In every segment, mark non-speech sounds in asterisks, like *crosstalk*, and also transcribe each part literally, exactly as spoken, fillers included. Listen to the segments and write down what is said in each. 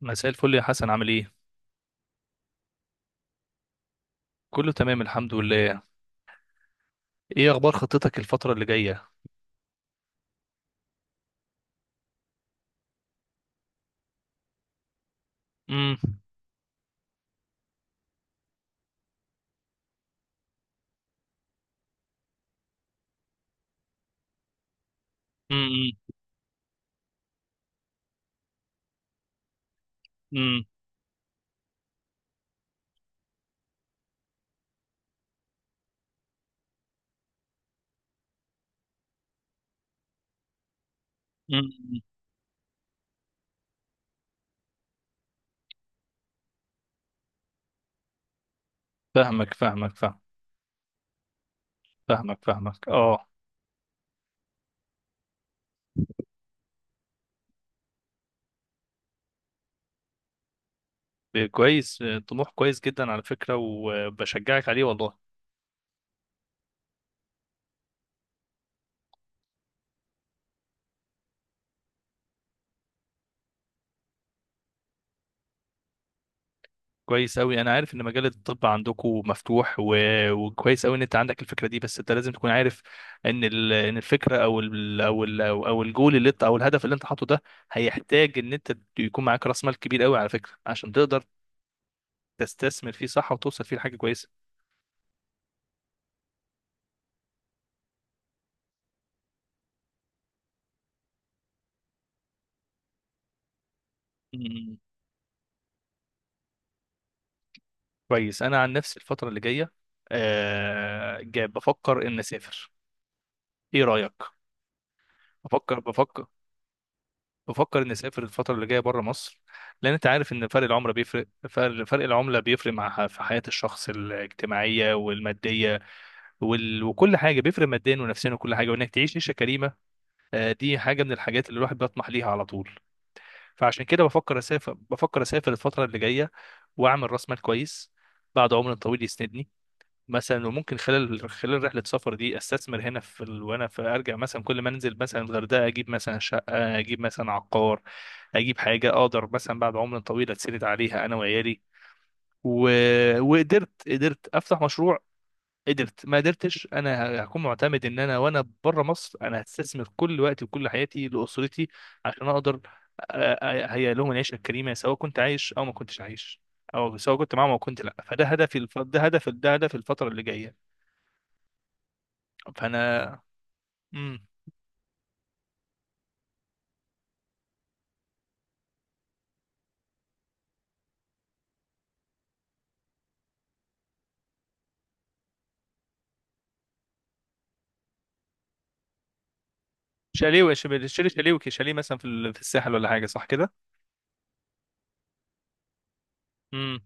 مساء الفل يا حسن، عامل ايه؟ كله تمام الحمد لله. ايه اخبار خطتك الفترة اللي جاية؟ امم امم امم أمم. فاهمك فاهمك فاهم فاهمك فاهمك اه. كويس، طموح كويس جدا على فكرة، وبشجعك عليه والله. كويس قوي، انا عارف ان مجال الطب عندكم مفتوح و... وكويس قوي ان انت عندك الفكرة دي، بس انت لازم تكون عارف ان ال... ان الفكرة او ال... او ال... او أو الجول اللي انت، او الهدف اللي انت حاطه ده هيحتاج ان انت يكون معاك راس مال كبير قوي على فكرة، عشان تقدر تستثمر فيه صح وتوصل فيه لحاجه كويسه. مم. كويس، انا عن نفسي الفتره اللي جايه آه، جاي بفكر ان اسافر. ايه رايك؟ بفكر بفكر بفكر اني اسافر الفتره اللي جايه بره مصر، لان انت عارف ان فرق العمله بيفرق، فرق فرق العمله بيفرق مع ح- في حياه الشخص الاجتماعيه والماديه وال... وكل حاجه، بيفرق ماديا ونفسيا وكل حاجه، وانك تعيش عيشه كريمه. آه، دي حاجه من الحاجات اللي الواحد بيطمح ليها على طول. فعشان كده بفكر اسافر، بفكر اسافر الفتره اللي جايه، واعمل راس مال كويس بعد عمر طويل يسندني. مثلا وممكن خلال خلال رحله السفر دي استثمر هنا في ال... وانا في ارجع مثلا، كل ما انزل مثلا الغردقه اجيب مثلا شقه، اجيب مثلا عقار، اجيب حاجه اقدر مثلا بعد عمر طويل اتسند عليها انا وعيالي و... وقدرت قدرت افتح مشروع، قدرت ما قدرتش، انا هكون معتمد ان انا وانا بره مصر انا هستثمر كل وقتي وكل حياتي لاسرتي، عشان اقدر اهيئ لهم العيشه الكريمه، سواء كنت عايش او ما كنتش عايش، او سواء كنت معاهم او كنت لا. فده هدفي الف... ده هدف ده هدف الفتره اللي جايه. فانا امم شاليه، وش- شاليه، شاليه وك- شاليه مثلا في ال- في الساحل، ولا حاجه صح كده. امم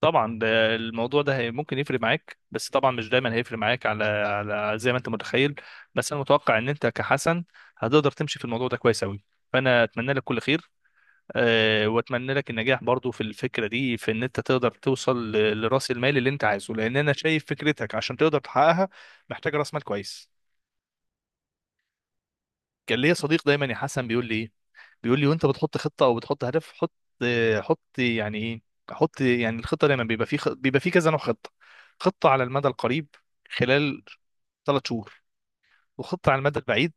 طبعا ده، الموضوع ده هي- ممكن يفرق معاك، بس طبعا مش دايما هيفرق معاك على على زي ما انت متخيل، بس انا متوقع ان انت كحسن هتقدر تمشي في الموضوع ده كويس قوي. فانا اتمنى لك كل خير، أه، واتمنى لك النجاح برضو في الفكره دي، في ان انت تقدر توصل ل- لراس المال اللي انت عايزه، لان انا شايف فكرتك. عشان تقدر تحققها محتاج راس مال كويس. كان ليا صديق دايما يا حسن بيقول لي إيه؟ بيقول لي، وانت بتحط خطه او بتحط هدف، حط، آه، حط يعني ايه؟ حط، يعني الخطه دايما بيبقى في خ... بيبقى في كذا نوع خطه: خطه على المدى القريب خلال ثلاث شهور، وخطه على المدى البعيد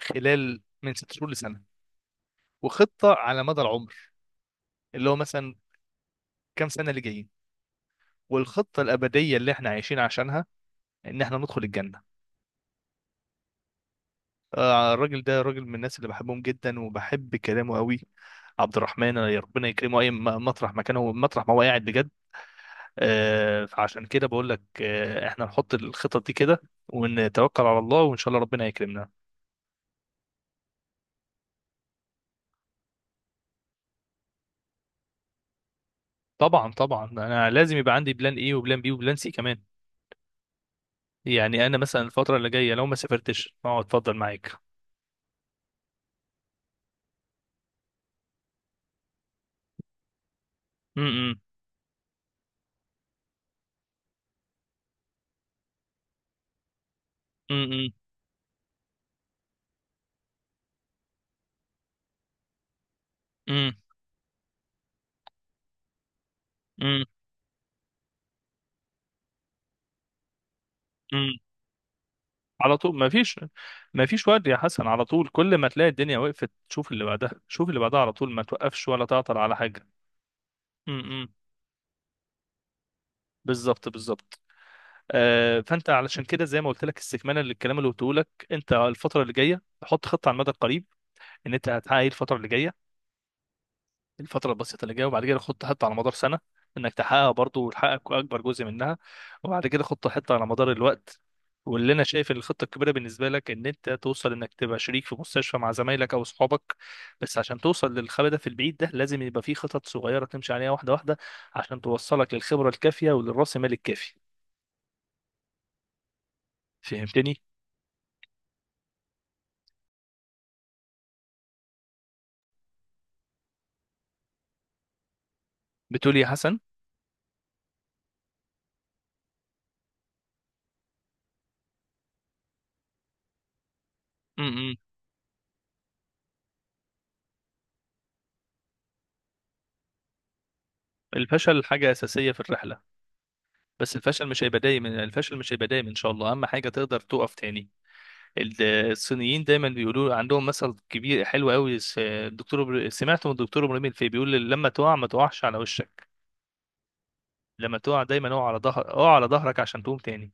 خلال من ست شهور لسنه، وخطه على مدى العمر، اللي هو مثلا كام سنه اللي جايين، والخطه الابديه اللي احنا عايشين عشانها، ان احنا ندخل الجنه. آه، الراجل ده راجل من الناس اللي بحبهم جدا وبحب كلامه قوي، عبد الرحمن، يا ربنا يكرمه اي م- مطرح مكانه، مطرح ما هو قاعد بجد. آه، فعشان كده بقول لك، آه، احنا نحط الخطط دي كده، ونتوكل على الله، وان شاء الله ربنا يكرمنا. طبعا طبعا، انا لازم يبقى عندي بلان ايه وبلان بي وبلان سي كمان. يعني انا مثلا الفتره اللي جايه لو ما سافرتش، اه، اتفضل معاك. امم امم امم امم على طول ما فيش، ما فيش وقت يا حسن، على طول كل ما تلاقي الدنيا وقفت شوف اللي بعدها، شوف اللي بعدها، على طول ما توقفش ولا تعطل على حاجه. امم بالظبط بالظبط. آه، فانت علشان كده، زي ما قلت لك استكمالا للكلام اللي قلته لك، انت الفتره اللي جايه تحط خطه على المدى القريب ان انت هتحقق ايه الفتره اللي جايه، الفتره البسيطه اللي جايه، وبعد كده خطه حتى على مدار سنه انك تحققها برضه وتحقق اكبر جزء منها، وبعد كده خطه حتى على مدار الوقت. واللي انا شايف ان الخطه الكبيره بالنسبه لك، ان انت توصل انك تبقى شريك في مستشفى مع زمايلك او اصحابك، بس عشان توصل للهدف البعيد ده، لازم يبقى في خطط صغيره تمشي عليها واحده واحده، عشان توصلك للخبره الكافيه وللراس مال الكافي. فهمتني؟ بتقول إيه يا حسن؟ الفشل حاجة أساسية في الرحلة، بس الفشل مش هيبقى دايما، الفشل مش هيبقى دايما إن شاء الله. أهم حاجة تقدر تقف تاني. ال- الصينيين دايما بيقولوا عندهم مثل كبير حلو قوي، س- الدكتور إبر- سمعته من الدكتور إبراهيم الفقي بيقول لما تقع ما تقعش على وشك، لما تقع دايما اقع على ظهر، اقع على ظهرك عشان تقوم تاني.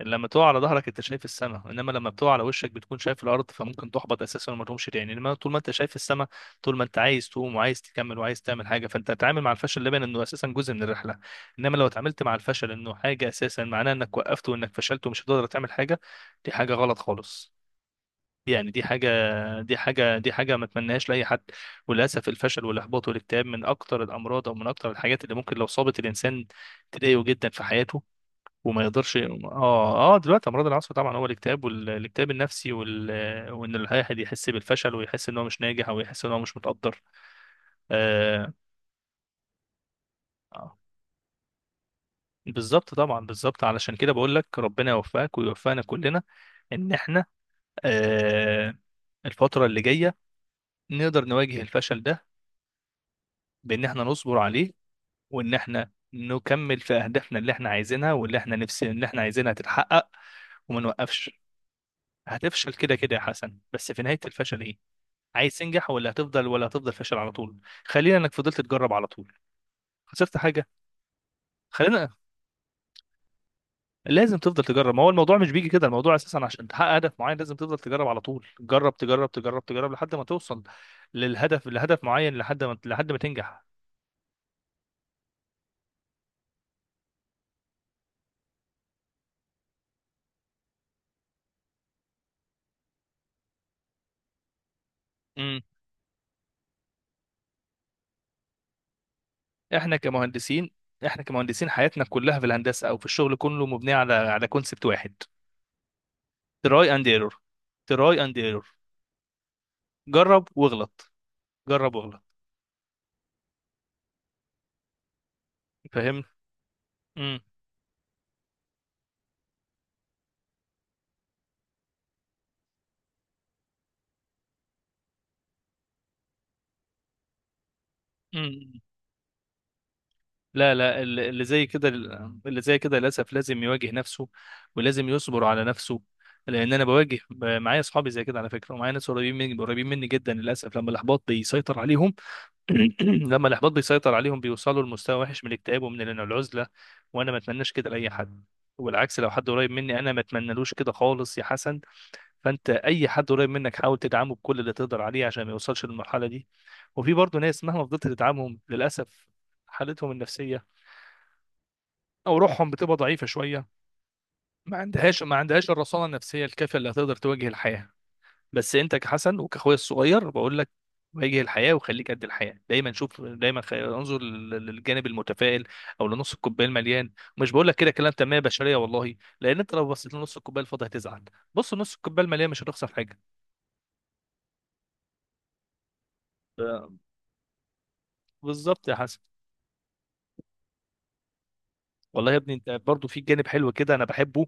لما تقع على ظهرك انت شايف السماء، انما لما بتقع على وشك بتكون شايف الارض، فممكن تحبط اساسا وما تقومش تاني. انما طول ما انت شايف السماء، طول ما انت عايز تقوم وعايز تكمل وعايز تعمل حاجه، فانت تتعامل مع الفشل لبن انه اساسا جزء من الرحله. انما لو اتعاملت مع الفشل انه حاجه اساسا، معناه انك وقفت وانك فشلت ومش هتقدر تعمل حاجه. دي حاجه غلط خالص، يعني دي حاجة، دي حاجة دي حاجة ما اتمناهاش لأي حد. وللأسف الفشل والإحباط والاكتئاب من أكتر الأمراض، أو من أكتر الحاجات اللي ممكن لو صابت الإنسان تضايقه جدا في حياته، وما يقدرش. اه اه، دلوقتي امراض العصر طبعا هو الاكتئاب، والاكتئاب النفسي وال... وان الواحد يحس بالفشل، ويحس ان هو مش ناجح، او يحس ان هو مش متقدر. آه. آه. بالظبط طبعا، بالظبط. علشان كده بقول لك ربنا يوفقك ويوفقنا كلنا، ان احنا آه، الفترة اللي جاية نقدر نواجه الفشل ده، بان احنا نصبر عليه، وان احنا نكمل في اهدافنا اللي احنا عايزينها واللي احنا نفسي اللي احنا عايزينها تتحقق، وما نوقفش. هتفشل كده كده يا حسن، بس في نهاية الفشل ايه؟ عايز تنجح، ولا هتفضل، ولا هتفضل فاشل على طول؟ خلينا، انك فضلت تجرب على طول، خسرت حاجه؟ خلينا، لازم تفضل تجرب. ما هو الموضوع مش بيجي كده، الموضوع اساسا عشان تحقق هدف معين لازم تفضل تجرب على طول، جرب تجرب تجرب تجرب لحد ما توصل للهدف، لهدف معين، لحد ما، لحد ما تنجح. امم احنا كمهندسين، احنا كمهندسين حياتنا كلها في الهندسه او في الشغل كله مبنيه على على كونسبت واحد: تراي اند ايرور، تراي اند ايرور، جرب واغلط، جرب واغلط. فاهم. امم لا لا، ال- اللي زي كده، اللي زي كده للاسف لازم يواجه نفسه، ولازم يصبر على نفسه. لان انا بواجه، ب- معايا اصحابي زي كده على فكره، ومعايا ناس قريبين مني، قريبين مني جدا، للاسف لما الاحباط بيسيطر عليهم *clears throat* لما الاحباط بيسيطر عليهم بيوصلوا لمستوى وحش من الاكتئاب، ومن ال- العزله. وانا ما اتمناش كده لاي حد، والعكس لو حد قريب مني انا ما اتمنالوش كده خالص يا حسن. فانت اي حد قريب منك حاول تدعمه بكل اللي تقدر عليه عشان ما يوصلش للمرحله دي. وفي برضه ناس مهما فضلت تدعمهم، للاسف حالتهم النفسيه او روحهم بتبقى ضعيفه شويه، ما عندهاش ما عندهاش الرصانه النفسيه الكافيه اللي هتقدر تواجه الحياه. بس انت كحسن وكاخويا الصغير بقول لك، واجه الحياه وخليك قد الحياه دايما، شوف دايما خ... انظر لل- للجانب المتفائل، او لنص الكوبايه المليان. مش بقول لك كده كلام تنميه بشريه والله، لان انت لو بصيت لنص الكوبايه الفاضي هتزعل. بص نص الكوبايه المليان، مش هتخسر حاجه. بالظبط يا حسن. والله يا ابني انت برضه في جانب حلو كده انا بحبه،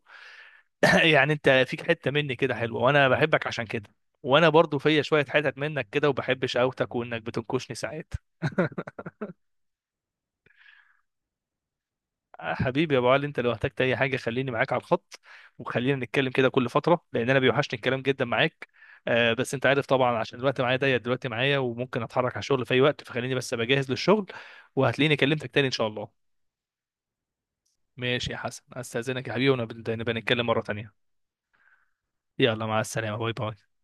*laughs* يعني انت فيك حته مني كده حلوه، وانا بحبك عشان كده. وانا برضو فيا شويه حتت منك كده، وبحب شقاوتك وانك بتنكشني ساعات. *laughs* حبيبي يا ابو علي، انت لو احتجت اي حاجه خليني معاك على الخط، وخلينا نتكلم كده كل فتره، لان انا بيوحشني الكلام جدا معاك. آه، بس انت عارف طبعا عشان الوقت معايا ضيق دلوقتي معايا، وممكن اتحرك على الشغل في اي وقت، فخليني بس بجهز للشغل، وهتلاقيني كلمتك تاني ان شاء الله. ماشي يا حسن، استاذنك يا حبيبي، ونبقى نبقى نتكلم مره تانيه. يلا، مع السلامه، باي باي.